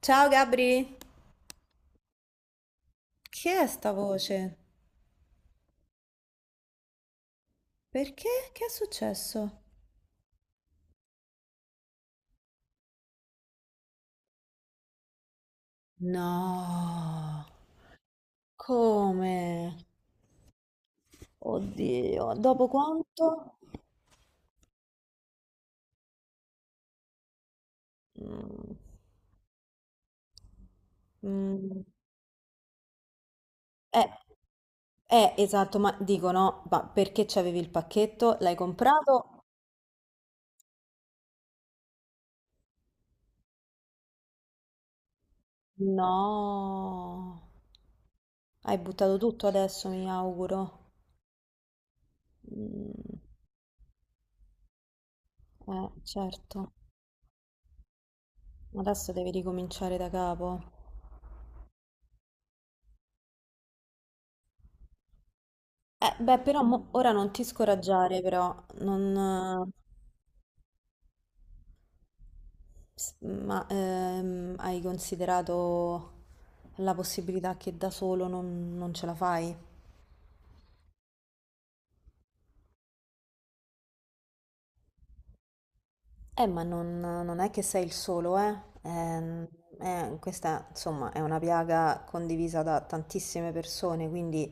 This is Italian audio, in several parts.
Ciao Gabri, chi è sta voce? Perché? Che è successo? No, come? Oddio, dopo quanto? Mm, mm, eh, esatto, ma dico no, ma perché c'avevi il pacchetto? L'hai comprato? No, hai buttato tutto adesso, mi auguro. Mm, certo, adesso devi ricominciare da capo. Beh, però ora non ti scoraggiare, però, non, eh, hai considerato la possibilità che da solo non ce la fai? Ma non è che sei il solo, eh? Ehm, questa, insomma, è una piaga condivisa da tantissime persone, quindi,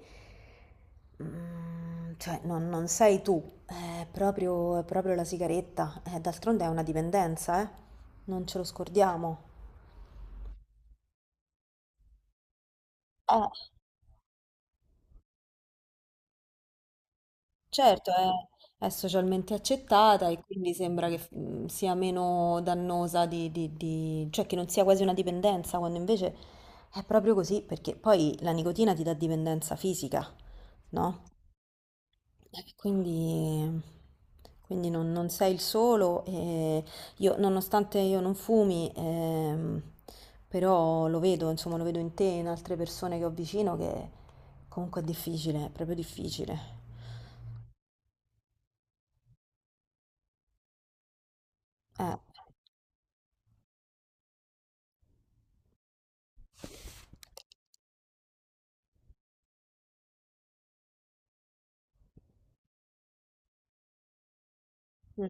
mm, cioè, non sei tu, è proprio la sigaretta. D'altronde è una dipendenza, eh? Non ce lo scordiamo. Eh. Certo, è socialmente accettata e quindi sembra che mm, sia meno dannosa cioè che non sia quasi una dipendenza, quando invece è proprio così, perché poi la nicotina ti dà dipendenza fisica, no? Eh, Quindi, quindi non sei il solo e io, nonostante io non fumi, però lo vedo, insomma, lo vedo in te e in altre persone che ho vicino che comunque è difficile, è proprio difficile. Eh.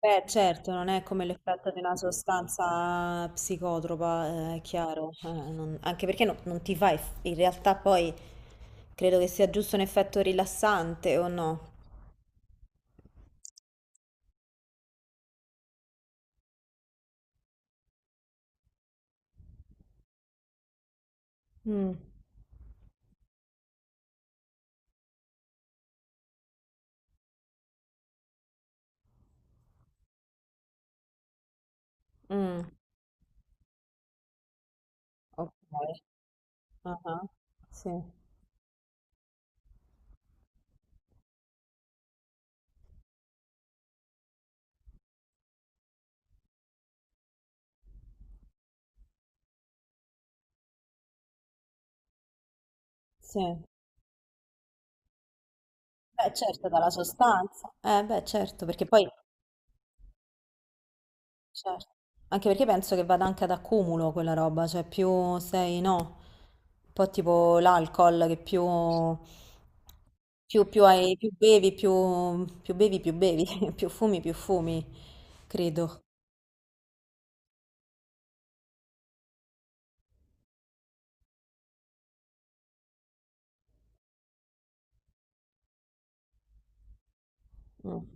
Beh, certo, non è come l'effetto di una sostanza psicotropa, è chiaro, anche perché non ti fa, in realtà poi credo che sia giusto un effetto rilassante o no? Mm, mm, ok, ah, Sì, sì. Beh, certo, dalla sostanza. Beh, certo, perché poi Certo. Anche perché penso che vada anche ad accumulo quella roba, cioè più sei, no, un po' tipo l'alcol che più, più hai, più bevi, più bevi, più bevi, più fumi, credo. Mm.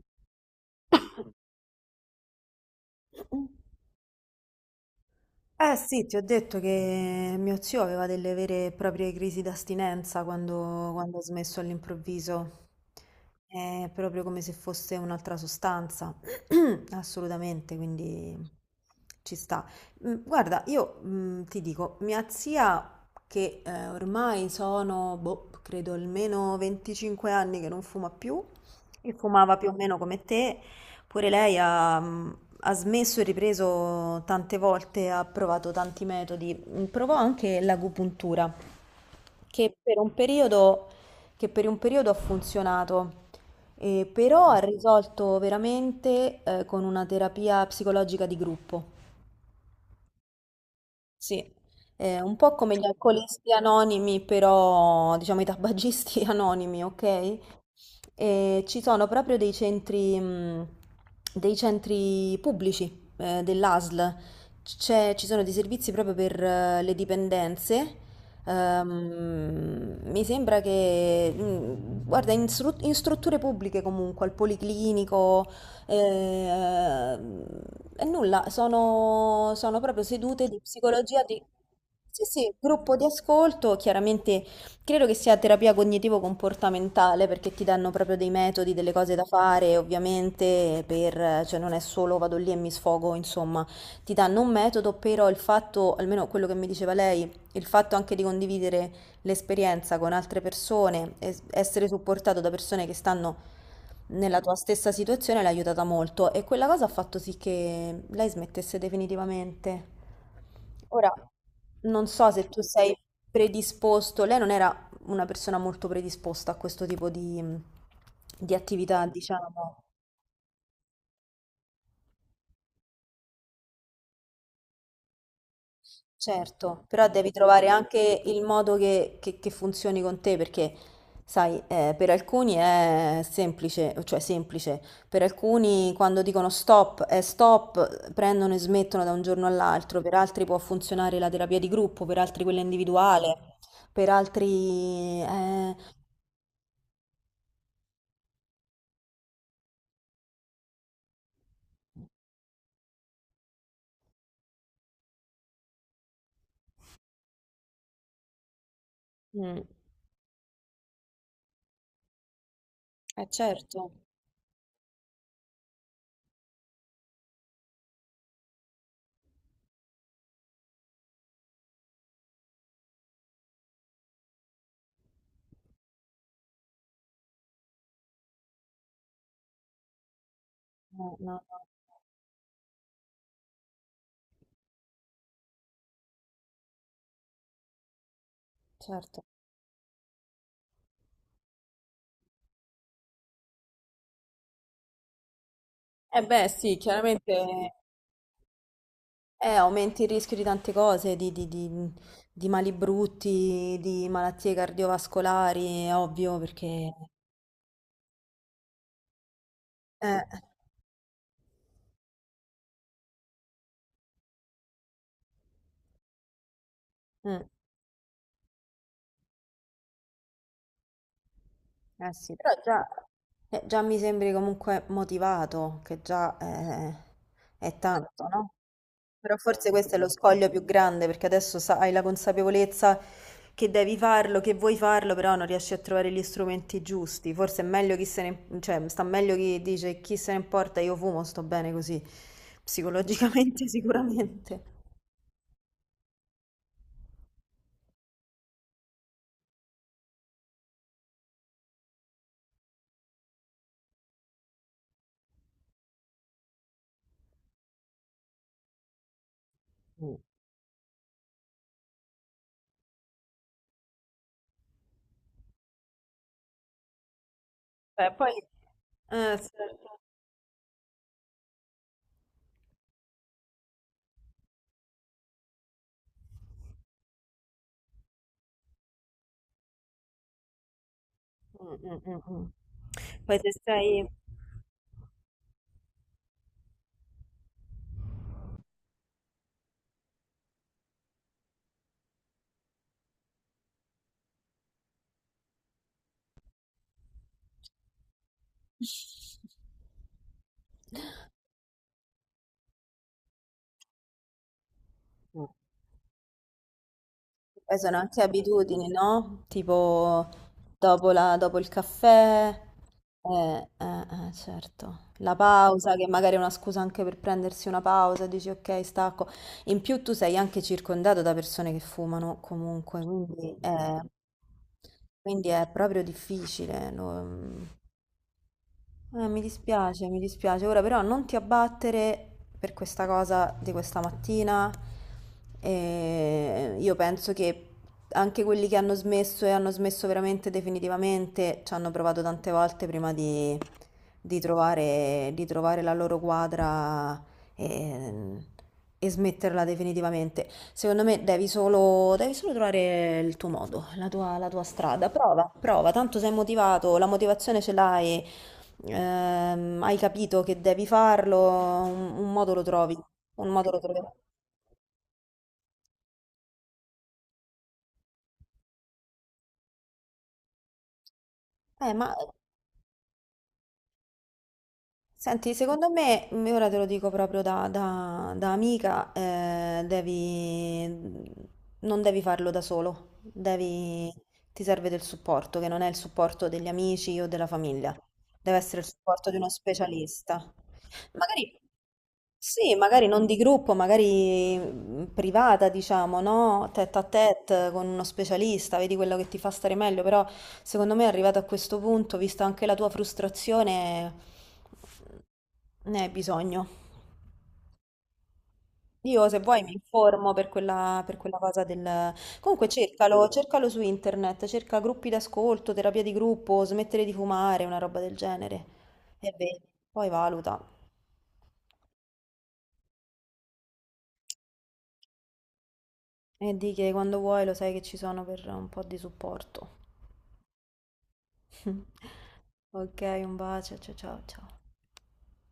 Eh sì, ti ho detto che mio zio aveva delle vere e proprie crisi d'astinenza quando ha smesso all'improvviso. È proprio come se fosse un'altra sostanza. Assolutamente, quindi ci sta. Mm, Guarda, io mm, ti dico, mia zia, che ormai sono, boh, credo almeno 25 anni che non fuma più, e fumava più o meno come te, pure lei ha, mm, ha smesso e ripreso tante volte, ha provato tanti metodi. Mm, Provò anche l'agopuntura, che per un periodo, che per un periodo ha funzionato, però ha risolto veramente, con una terapia psicologica di gruppo. Sì, è un po' come gli alcolisti anonimi, però diciamo i tabagisti anonimi, ok? E ci sono proprio dei centri pubblici dell'ASL. Ci sono dei servizi proprio per le dipendenze. Mi sembra che, guarda, in, in strutture pubbliche comunque, al policlinico, eh, ehm, e nulla, sono, sono proprio sedute di psicologia di... Sì, sì, gruppo di ascolto, chiaramente credo che sia terapia cognitivo-comportamentale perché ti danno proprio dei metodi, delle cose da fare, ovviamente, per, cioè non è solo vado lì e mi sfogo, insomma, ti danno un metodo, però il fatto, almeno quello che mi diceva lei, il fatto anche di condividere l'esperienza con altre persone, essere supportato da persone che stanno nella tua stessa situazione l'ha aiutata molto e quella cosa ha fatto sì che lei smettesse definitivamente. Ora, non so se tu sei predisposto, lei non era una persona molto predisposta a questo tipo di attività, diciamo. Certo, però devi trovare anche il modo che funzioni con te, perché sai, per alcuni è semplice, cioè semplice, per alcuni quando dicono stop è stop, prendono e smettono da un giorno all'altro, per altri può funzionare la terapia di gruppo, per altri quella individuale, per altri... mm, certo, no, no, no, certo. Eh beh, sì, chiaramente aumenti il rischio di tante cose, di mali brutti, di malattie cardiovascolari, è ovvio, perché... Eh, mm. Eh sì, però già, già mi sembri comunque motivato, che già è tanto, no? Però forse questo è lo scoglio più grande, perché adesso hai la consapevolezza che devi farlo, che vuoi farlo, però non riesci a trovare gli strumenti giusti. Forse è meglio chi se ne, cioè, sta meglio chi dice chi se ne importa, io fumo, sto bene così, psicologicamente sicuramente. Beh, poi... certo. Mm, mm, mm, mm. Poi se sei... mm. Poi sono anche abitudini, no? Tipo dopo il caffè, eh, eh, certo, la pausa, che magari è una scusa anche per prendersi una pausa, dici ok, stacco. In più tu sei anche circondato da persone che fumano comunque, quindi è proprio difficile. Mi dispiace, mi dispiace. Ora però non ti abbattere per questa cosa di questa mattina. Io penso che anche quelli che hanno smesso e hanno smesso veramente definitivamente ci hanno provato tante volte prima di trovare la loro quadra e, e smetterla definitivamente. Secondo me devi solo trovare il tuo modo, la tua strada. Prova, prova, tanto sei motivato, la motivazione ce l'hai, hai capito che devi farlo, un modo lo trovi, un modo lo troverai. Ma Senti, secondo me, ora te lo dico proprio da, da amica, devi, mm, non devi farlo da solo, devi, ti serve del supporto, che non è il supporto degli amici o della famiglia, deve essere il supporto di uno specialista. Magari sì, magari non di gruppo, magari mm, privata, diciamo, no? Tête a tête con uno specialista, vedi quello che ti fa stare meglio, però secondo me arrivato a questo punto, vista anche la tua frustrazione, mhmm, ne hai bisogno. Io se vuoi mi informo per quella cosa del... Comunque cercalo, cercalo su internet, cerca gruppi d'ascolto, terapia di gruppo, smettere di fumare, una roba del genere. E vedi, poi valuta. E di che quando vuoi lo sai che ci sono per un po' di supporto. Ok, un bacio, ciao ciao ciao.